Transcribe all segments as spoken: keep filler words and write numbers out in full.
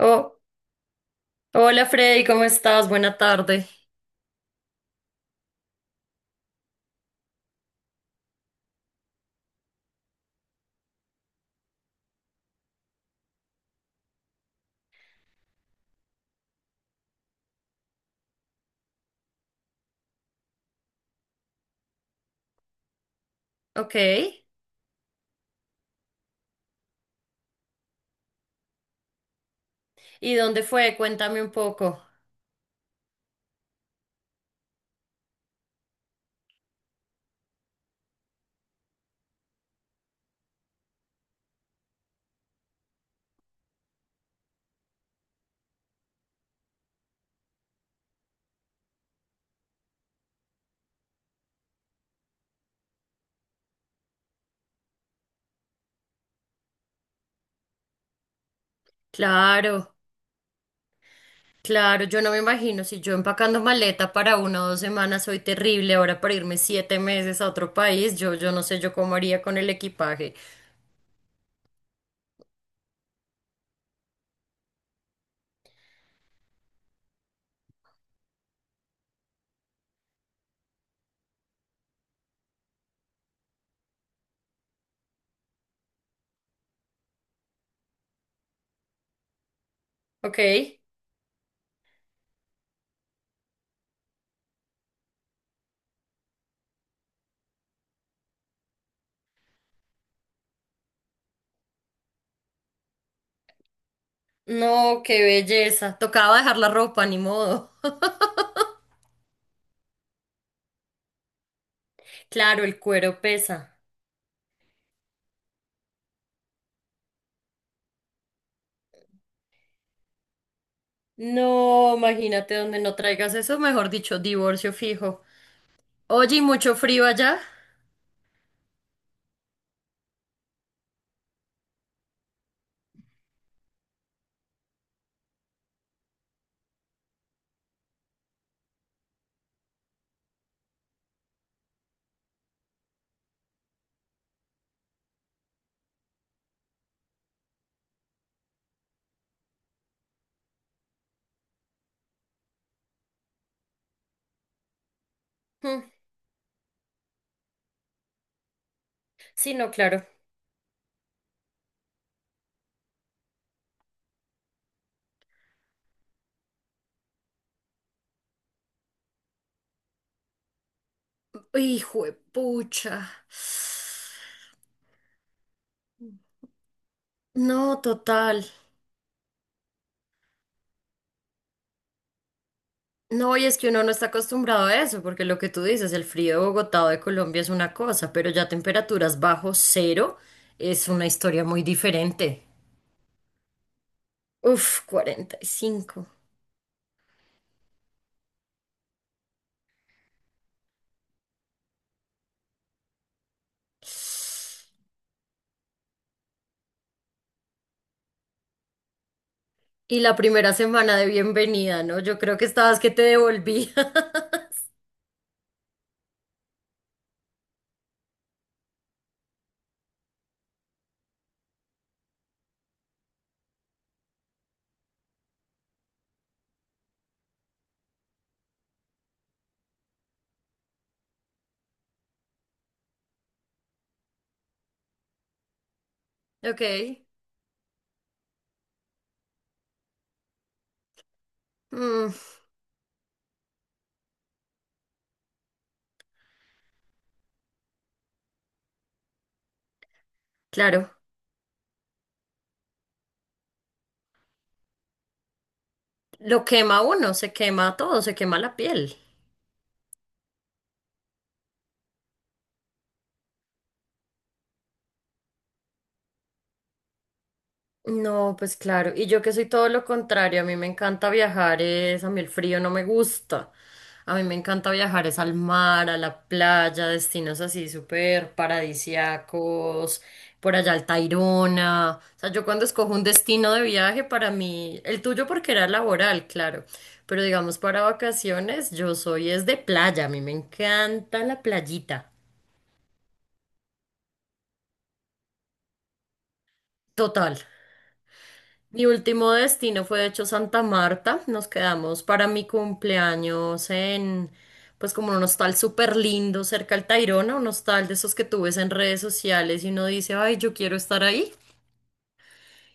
Oh, hola Freddy, ¿cómo estás? Buena tarde. Ok. ¿Y dónde fue? Cuéntame un poco. Claro, claro, yo no me imagino si yo empacando maleta para una o dos semanas soy terrible, ahora para irme siete meses a otro país, yo, yo no sé yo cómo haría con el equipaje. Ok. No, qué belleza. Tocaba dejar la ropa, ni modo. Claro, el cuero pesa. No, imagínate donde no traigas eso, mejor dicho, divorcio fijo. Oye, ¿y mucho frío allá? Mm, sí, no, claro. Hijo de pucha. No, total. No, y es que uno no está acostumbrado a eso, porque lo que tú dices, el frío de Bogotá o de Colombia es una cosa, pero ya temperaturas bajo cero es una historia muy diferente. Uf, cuarenta Y cinco. Y la primera semana de bienvenida, ¿no? Yo creo que estabas que te devolví. Ok. Mm, claro. Lo quema uno, se quema todo, se quema la piel. No, pues claro, y yo que soy todo lo contrario, a mí me encanta viajar, es, a mí el frío no me gusta, a mí me encanta viajar es al mar, a la playa, destinos así súper paradisiacos, por allá al Tayrona, o sea, yo cuando escojo un destino de viaje para mí, el tuyo porque era laboral, claro, pero digamos para vacaciones, yo soy es de playa, a mí me encanta la playita, total. Mi último destino fue de hecho Santa Marta. Nos quedamos para mi cumpleaños en, pues como un hostal súper lindo cerca al Tayrona, un hostal de esos que tú ves en redes sociales y uno dice, ay, yo quiero estar ahí.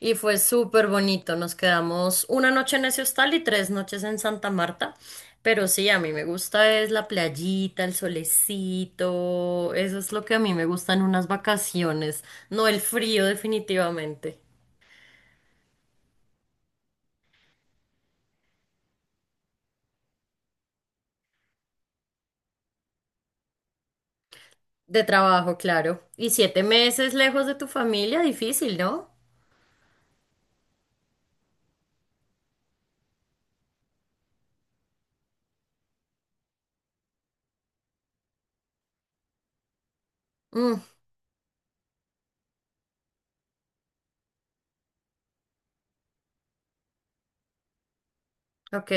Y fue súper bonito. Nos quedamos una noche en ese hostal y tres noches en Santa Marta. Pero sí, a mí me gusta es la playita, el solecito. Eso es lo que a mí me gustan unas vacaciones, no el frío definitivamente. De trabajo, claro. Y siete meses lejos de tu familia, difícil, ¿no? Mm, ok,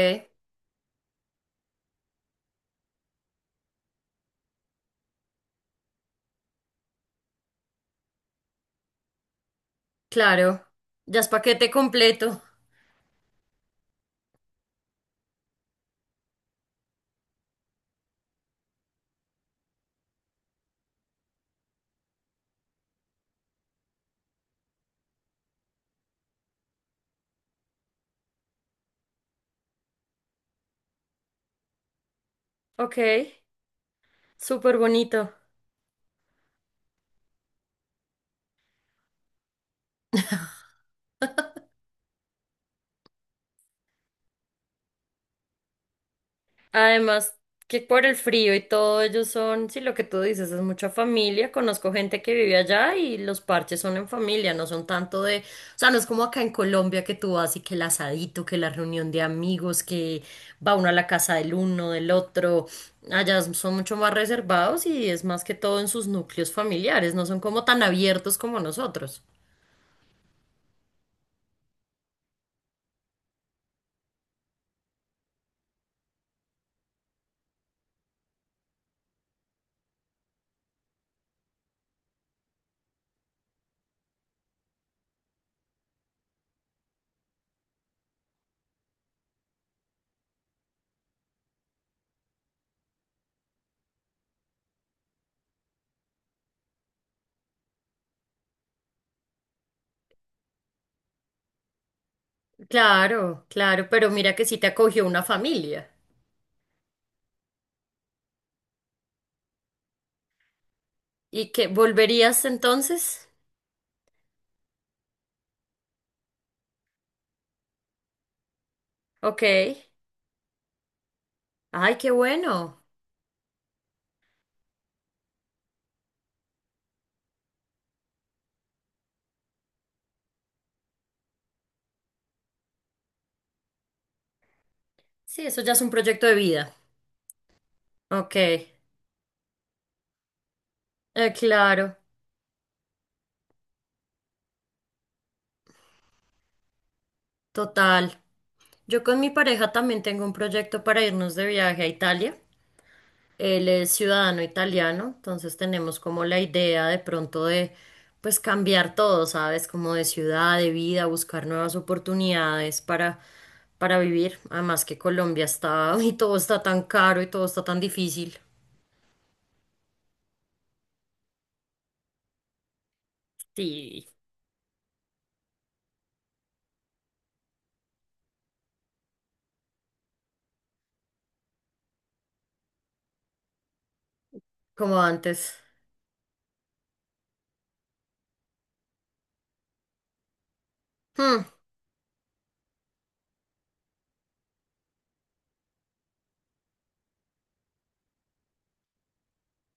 claro. Ya es paquete completo. Ok, súper bonito. Además, que por el frío y todo, ellos son, sí, lo que tú dices, es mucha familia. Conozco gente que vive allá y los parches son en familia, no son tanto de, o sea, no es como acá en Colombia que tú vas y que el asadito, que la reunión de amigos, que va uno a la casa del uno, del otro. Allá son mucho más reservados y es más que todo en sus núcleos familiares, no son como tan abiertos como nosotros. Claro, claro, pero mira que sí te acogió una familia. ¿Y que volverías entonces? Ok. Ay, qué bueno. Sí, eso ya es un proyecto de vida. Ok, eh, claro, total. Yo con mi pareja también tengo un proyecto para irnos de viaje a Italia. Él es ciudadano italiano, entonces tenemos como la idea de pronto de, pues, cambiar todo, ¿sabes? Como de ciudad, de vida, buscar nuevas oportunidades para, para vivir. Además que Colombia está, y todo está tan caro y todo está tan difícil. Sí, como antes. Hmm,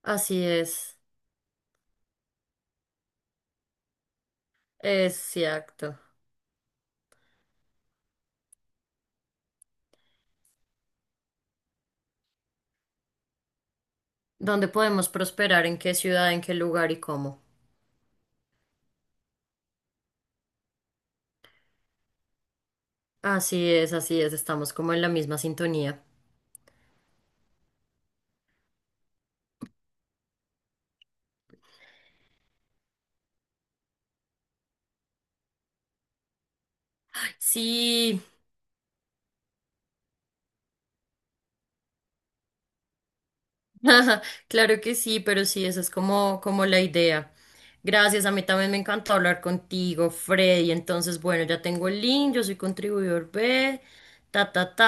así es. Exacto. ¿Dónde podemos prosperar? ¿En qué ciudad? ¿En qué lugar y cómo? Así es, así es, estamos como en la misma sintonía. Sí, claro que sí, pero sí, esa es como, como la idea. Gracias, a mí también me encantó hablar contigo, Freddy. Entonces, bueno, ya tengo el link, yo soy contribuidor B, ta, ta, ta.